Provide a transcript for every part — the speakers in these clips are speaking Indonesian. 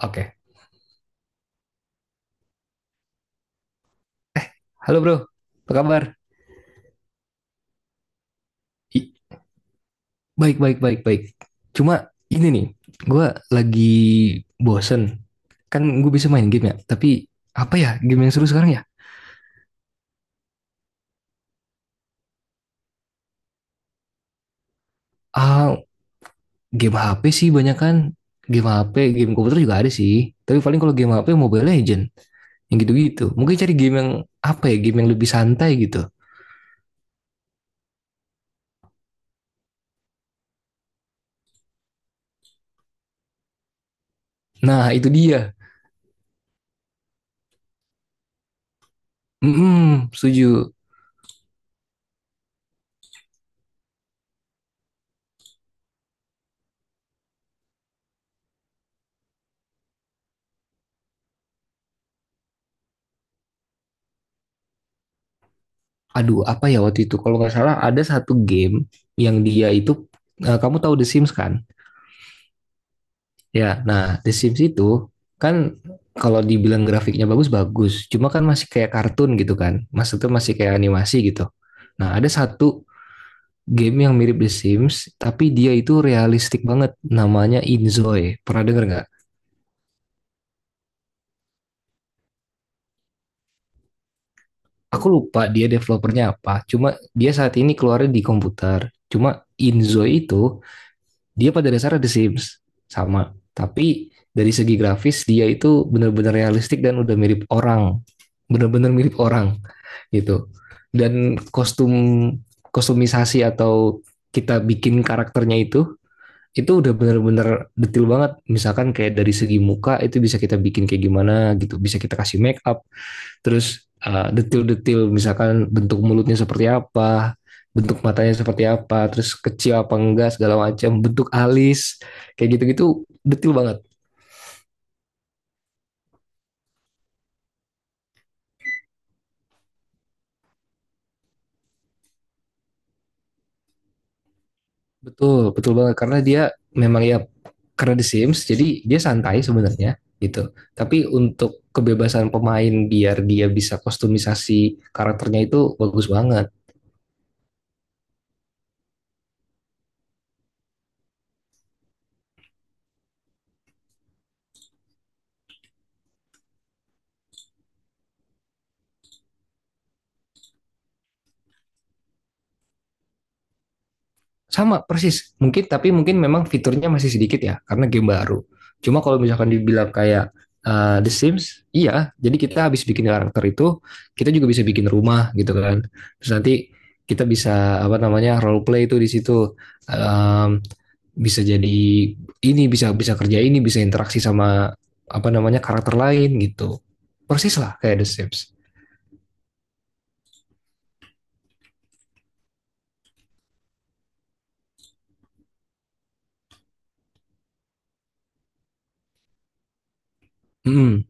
Oke, halo bro, apa kabar? I- baik, baik, baik, baik. Cuma ini nih, gue lagi bosen. Kan gue bisa main game ya, tapi apa ya game yang seru sekarang ya? Ah, game HP sih banyak kan. Game HP, game komputer juga ada sih. Tapi paling kalau game HP Mobile Legend, yang gitu-gitu. Mungkin cari game yang apa ya, game yang lebih santai gitu. Nah, itu dia. Mm-mm, setuju. Aduh, apa ya waktu itu? Kalau nggak salah ada satu game yang dia itu, eh, kamu tahu The Sims kan? Ya, nah The Sims itu kan kalau dibilang grafiknya bagus-bagus, cuma kan masih kayak kartun gitu kan. Maksudnya masih kayak animasi gitu. Nah, ada satu game yang mirip The Sims, tapi dia itu realistik banget. Namanya Inzoi. Pernah denger nggak? Aku lupa dia developernya apa. Cuma dia saat ini keluarnya di komputer. Cuma Inzoi itu dia pada dasarnya The Sims sama, tapi dari segi grafis dia itu benar-benar realistik dan udah mirip orang, benar-benar mirip orang gitu. Dan kostumisasi atau kita bikin karakternya itu udah benar-benar detail banget. Misalkan kayak dari segi muka itu bisa kita bikin kayak gimana gitu, bisa kita kasih make up, terus detil-detil misalkan bentuk mulutnya seperti apa, bentuk matanya seperti apa, terus kecil apa enggak segala macam, bentuk alis kayak gitu-gitu detil banget. Betul, betul banget karena dia memang ya, karena The Sims jadi dia santai sebenarnya gitu. Tapi untuk kebebasan pemain biar dia bisa kostumisasi karakternya itu bagus banget. Sama persis. Mungkin tapi mungkin memang fiturnya masih sedikit ya karena game baru. Cuma kalau misalkan dibilang kayak The Sims, iya. Jadi kita habis bikin karakter itu, kita juga bisa bikin rumah gitu kan. Terus nanti kita bisa apa namanya role play itu di situ, um, bisa jadi ini, bisa bisa kerja, ini bisa interaksi sama apa namanya karakter lain gitu, persis lah kayak The Sims. mm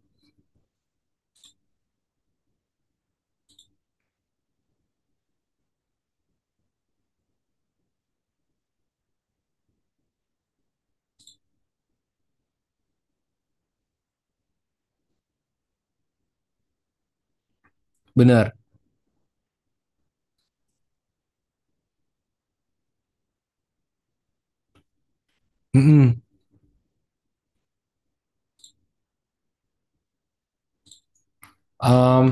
benar mm um,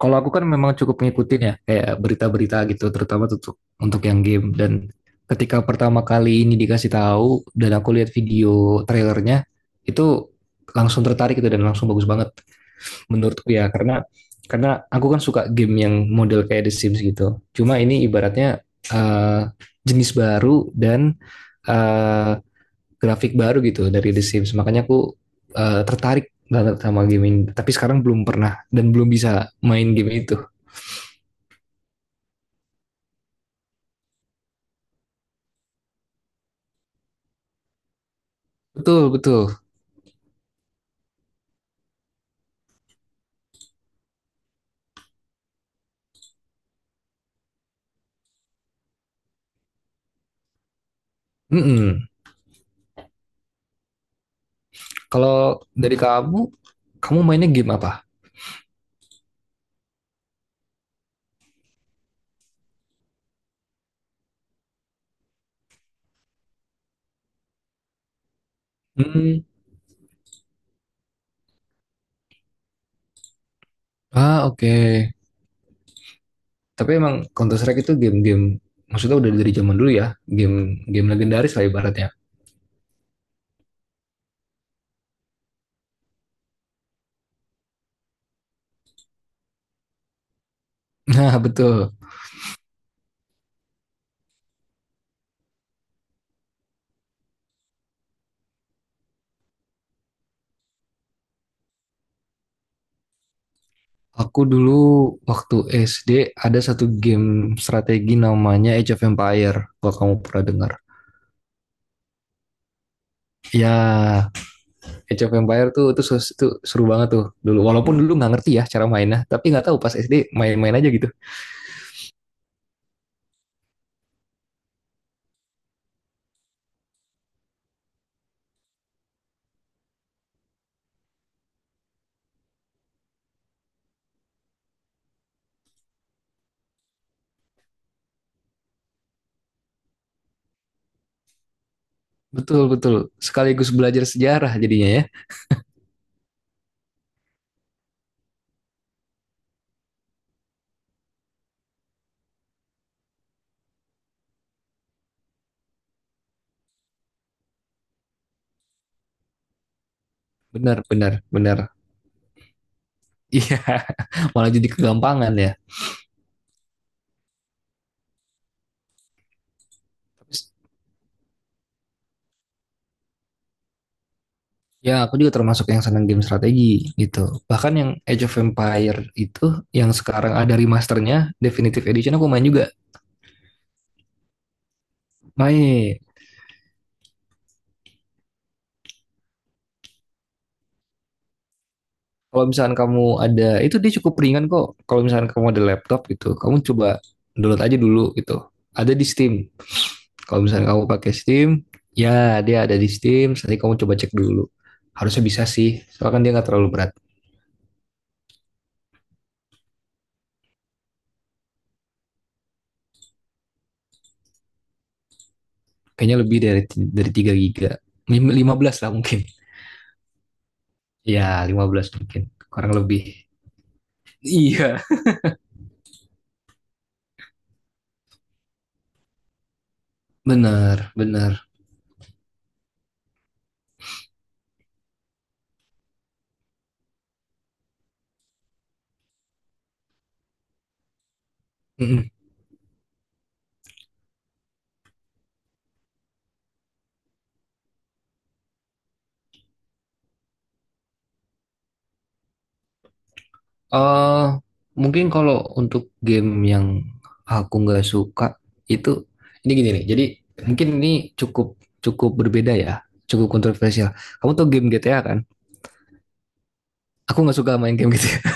Kalau aku kan memang cukup ngikutin ya, kayak berita-berita gitu, terutama untuk yang game. Dan ketika pertama kali ini dikasih tahu dan aku lihat video trailernya, itu langsung tertarik gitu dan langsung bagus banget menurutku ya, karena aku kan suka game yang model kayak The Sims gitu. Cuma ini ibaratnya eh, jenis baru dan eh, grafik baru gitu dari The Sims. Makanya aku tertarik banget sama game ini. Tapi sekarang belum pernah dan belum bisa main game itu. Betul, betul. Mm-mm. Kalau dari kamu, kamu mainnya game apa? Hmm. Ah, oke. Tapi emang Counter Strike itu game-game, maksudnya udah dari zaman dulu ya, game game legendaris lah ibaratnya. Nah, betul. Aku dulu waktu SD ada satu game strategi namanya Age of Empire, kalau kamu pernah dengar. Ya, Age of Empire tuh itu seru banget tuh dulu. Walaupun dulu nggak ngerti ya cara mainnya, tapi nggak tahu pas SD main-main aja gitu. Betul, betul. Sekaligus belajar sejarah jadinya ya. Benar, benar, benar. Iya, malah jadi kegampangan ya. Terus, ya, aku juga termasuk yang senang game strategi gitu. Bahkan yang Age of Empire itu, yang sekarang ada remasternya, Definitive Edition aku main juga. Main. Kalau misalkan kamu ada itu dia cukup ringan kok. Kalau misalkan kamu ada laptop gitu, kamu coba download aja dulu gitu. Ada di Steam. Kalau misalkan kamu pakai Steam, ya dia ada di Steam. Nanti kamu coba cek dulu. Harusnya bisa sih. Soalnya kan dia nggak terlalu berat. Kayaknya lebih dari 3 giga. 15 lah mungkin. Ya, 15 mungkin. Kurang lebih. Iya, benar, benar. eh Mungkin kalau untuk game yang aku nggak suka itu ini gini nih. Jadi mungkin ini cukup cukup berbeda ya, cukup kontroversial. Kamu tau game GTA kan? Aku nggak suka main game GTA.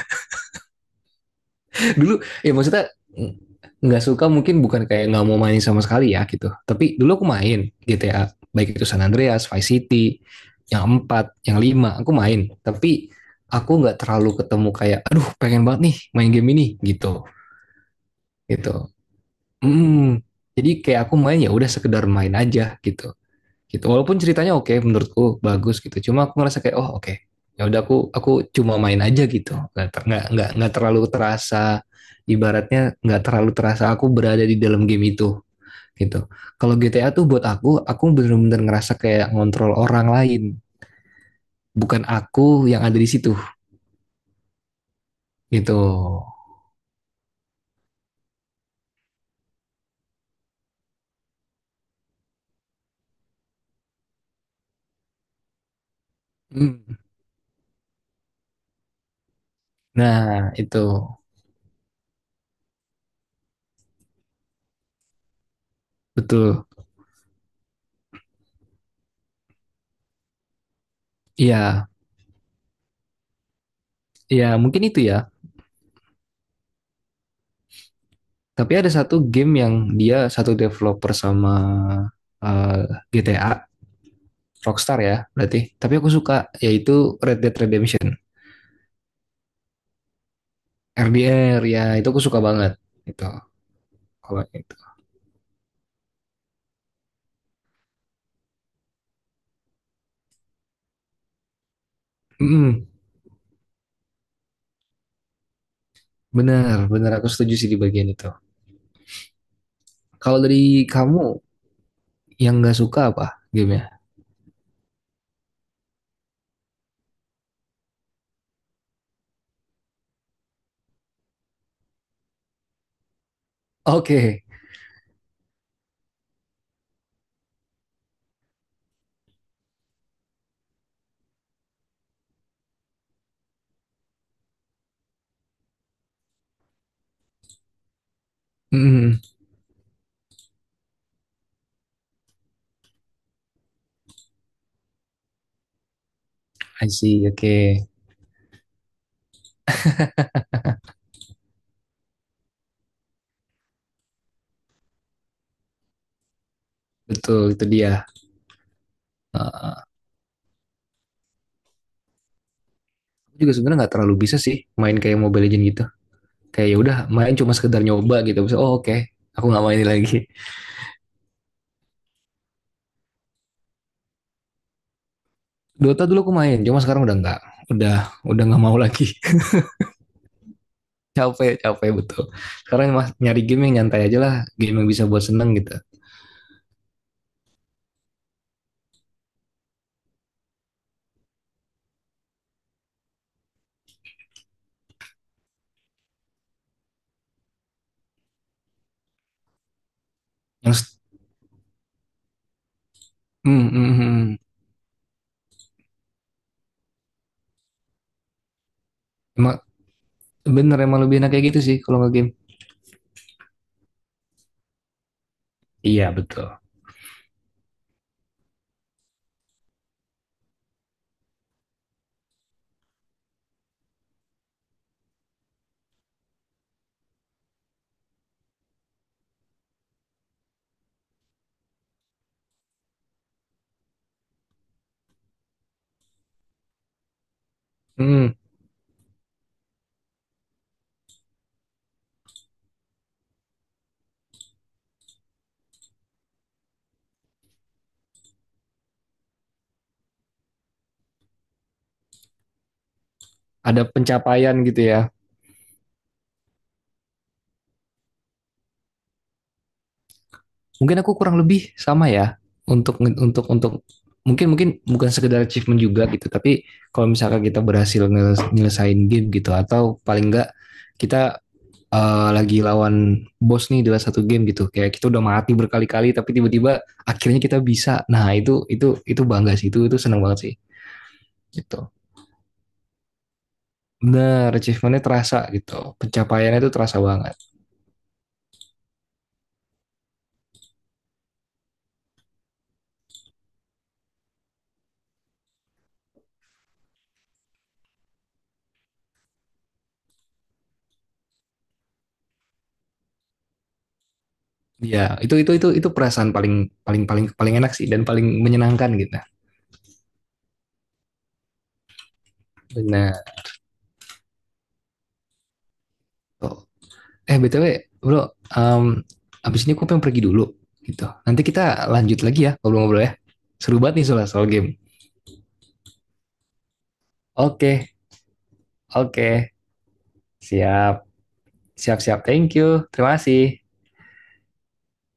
Dulu ya maksudnya nggak suka mungkin bukan kayak nggak mau main sama sekali ya gitu. Tapi dulu aku main GTA baik itu San Andreas, Vice City, yang empat, yang lima aku main. Tapi aku nggak terlalu ketemu kayak, aduh pengen banget nih main game ini gitu gitu. mm Jadi kayak aku main ya udah sekedar main aja gitu. Gitu. Walaupun ceritanya oke menurutku bagus gitu. Cuma aku ngerasa kayak oh oke. Ya udah aku cuma main aja gitu. Nggak terlalu terasa ibaratnya nggak terlalu terasa aku berada di dalam game itu gitu. Kalau GTA tuh buat aku bener-bener ngerasa kayak ngontrol orang lain, bukan aku yang ada di situ gitu. Hmm. Nah, itu betul. Iya, iya mungkin itu ya. Tapi ada satu game yang dia satu developer sama eh, GTA, Rockstar ya berarti. Tapi aku suka yaitu Red Dead Redemption. RDR ya itu aku suka banget itu kalau itu. Mm, Bener bener aku setuju sih di bagian itu. Kalau dari kamu yang nggak suka apa gamenya? Oke. Mm, I see. Oke, betul itu dia. Eh, aku juga sebenarnya nggak terlalu bisa sih main kayak Mobile Legends gitu. Kayak ya udah main cuma sekedar nyoba gitu. Bisa, oh oke, aku nggak mainin lagi. Dota dulu aku main, cuma sekarang udah nggak, udah udah nggak mau lagi. Capek, capek betul. Sekarang mas nyari game yang nyantai aja lah, game yang bisa buat seneng gitu. Yang hmm, hmm, hmm. Hmm. Emang bener emang lebih enak kayak gitu sih kalau nggak game. Iya betul. Hmm, ada pencapaian gitu ya. Mungkin aku kurang lebih sama ya untuk mungkin mungkin bukan sekedar achievement juga gitu, tapi kalau misalkan kita berhasil nyelesain game gitu atau paling enggak kita lagi lawan bos nih dalam satu game gitu. Kayak kita udah mati berkali-kali tapi tiba-tiba akhirnya kita bisa. Nah, itu bangga sih, itu seneng banget sih gitu. Bener, achievementnya terasa gitu. Pencapaiannya itu terasa banget. Ya itu perasaan paling paling paling paling enak sih dan paling menyenangkan gitu. Nah, tuh. Eh, BTW, Bro, em abis ini aku pengen pergi dulu gitu. Nanti kita lanjut lagi ya ngobrol-ngobrol ya. Seru banget nih soal soal game. Oke, oke. Siap. Siap-siap. Thank you. Terima kasih.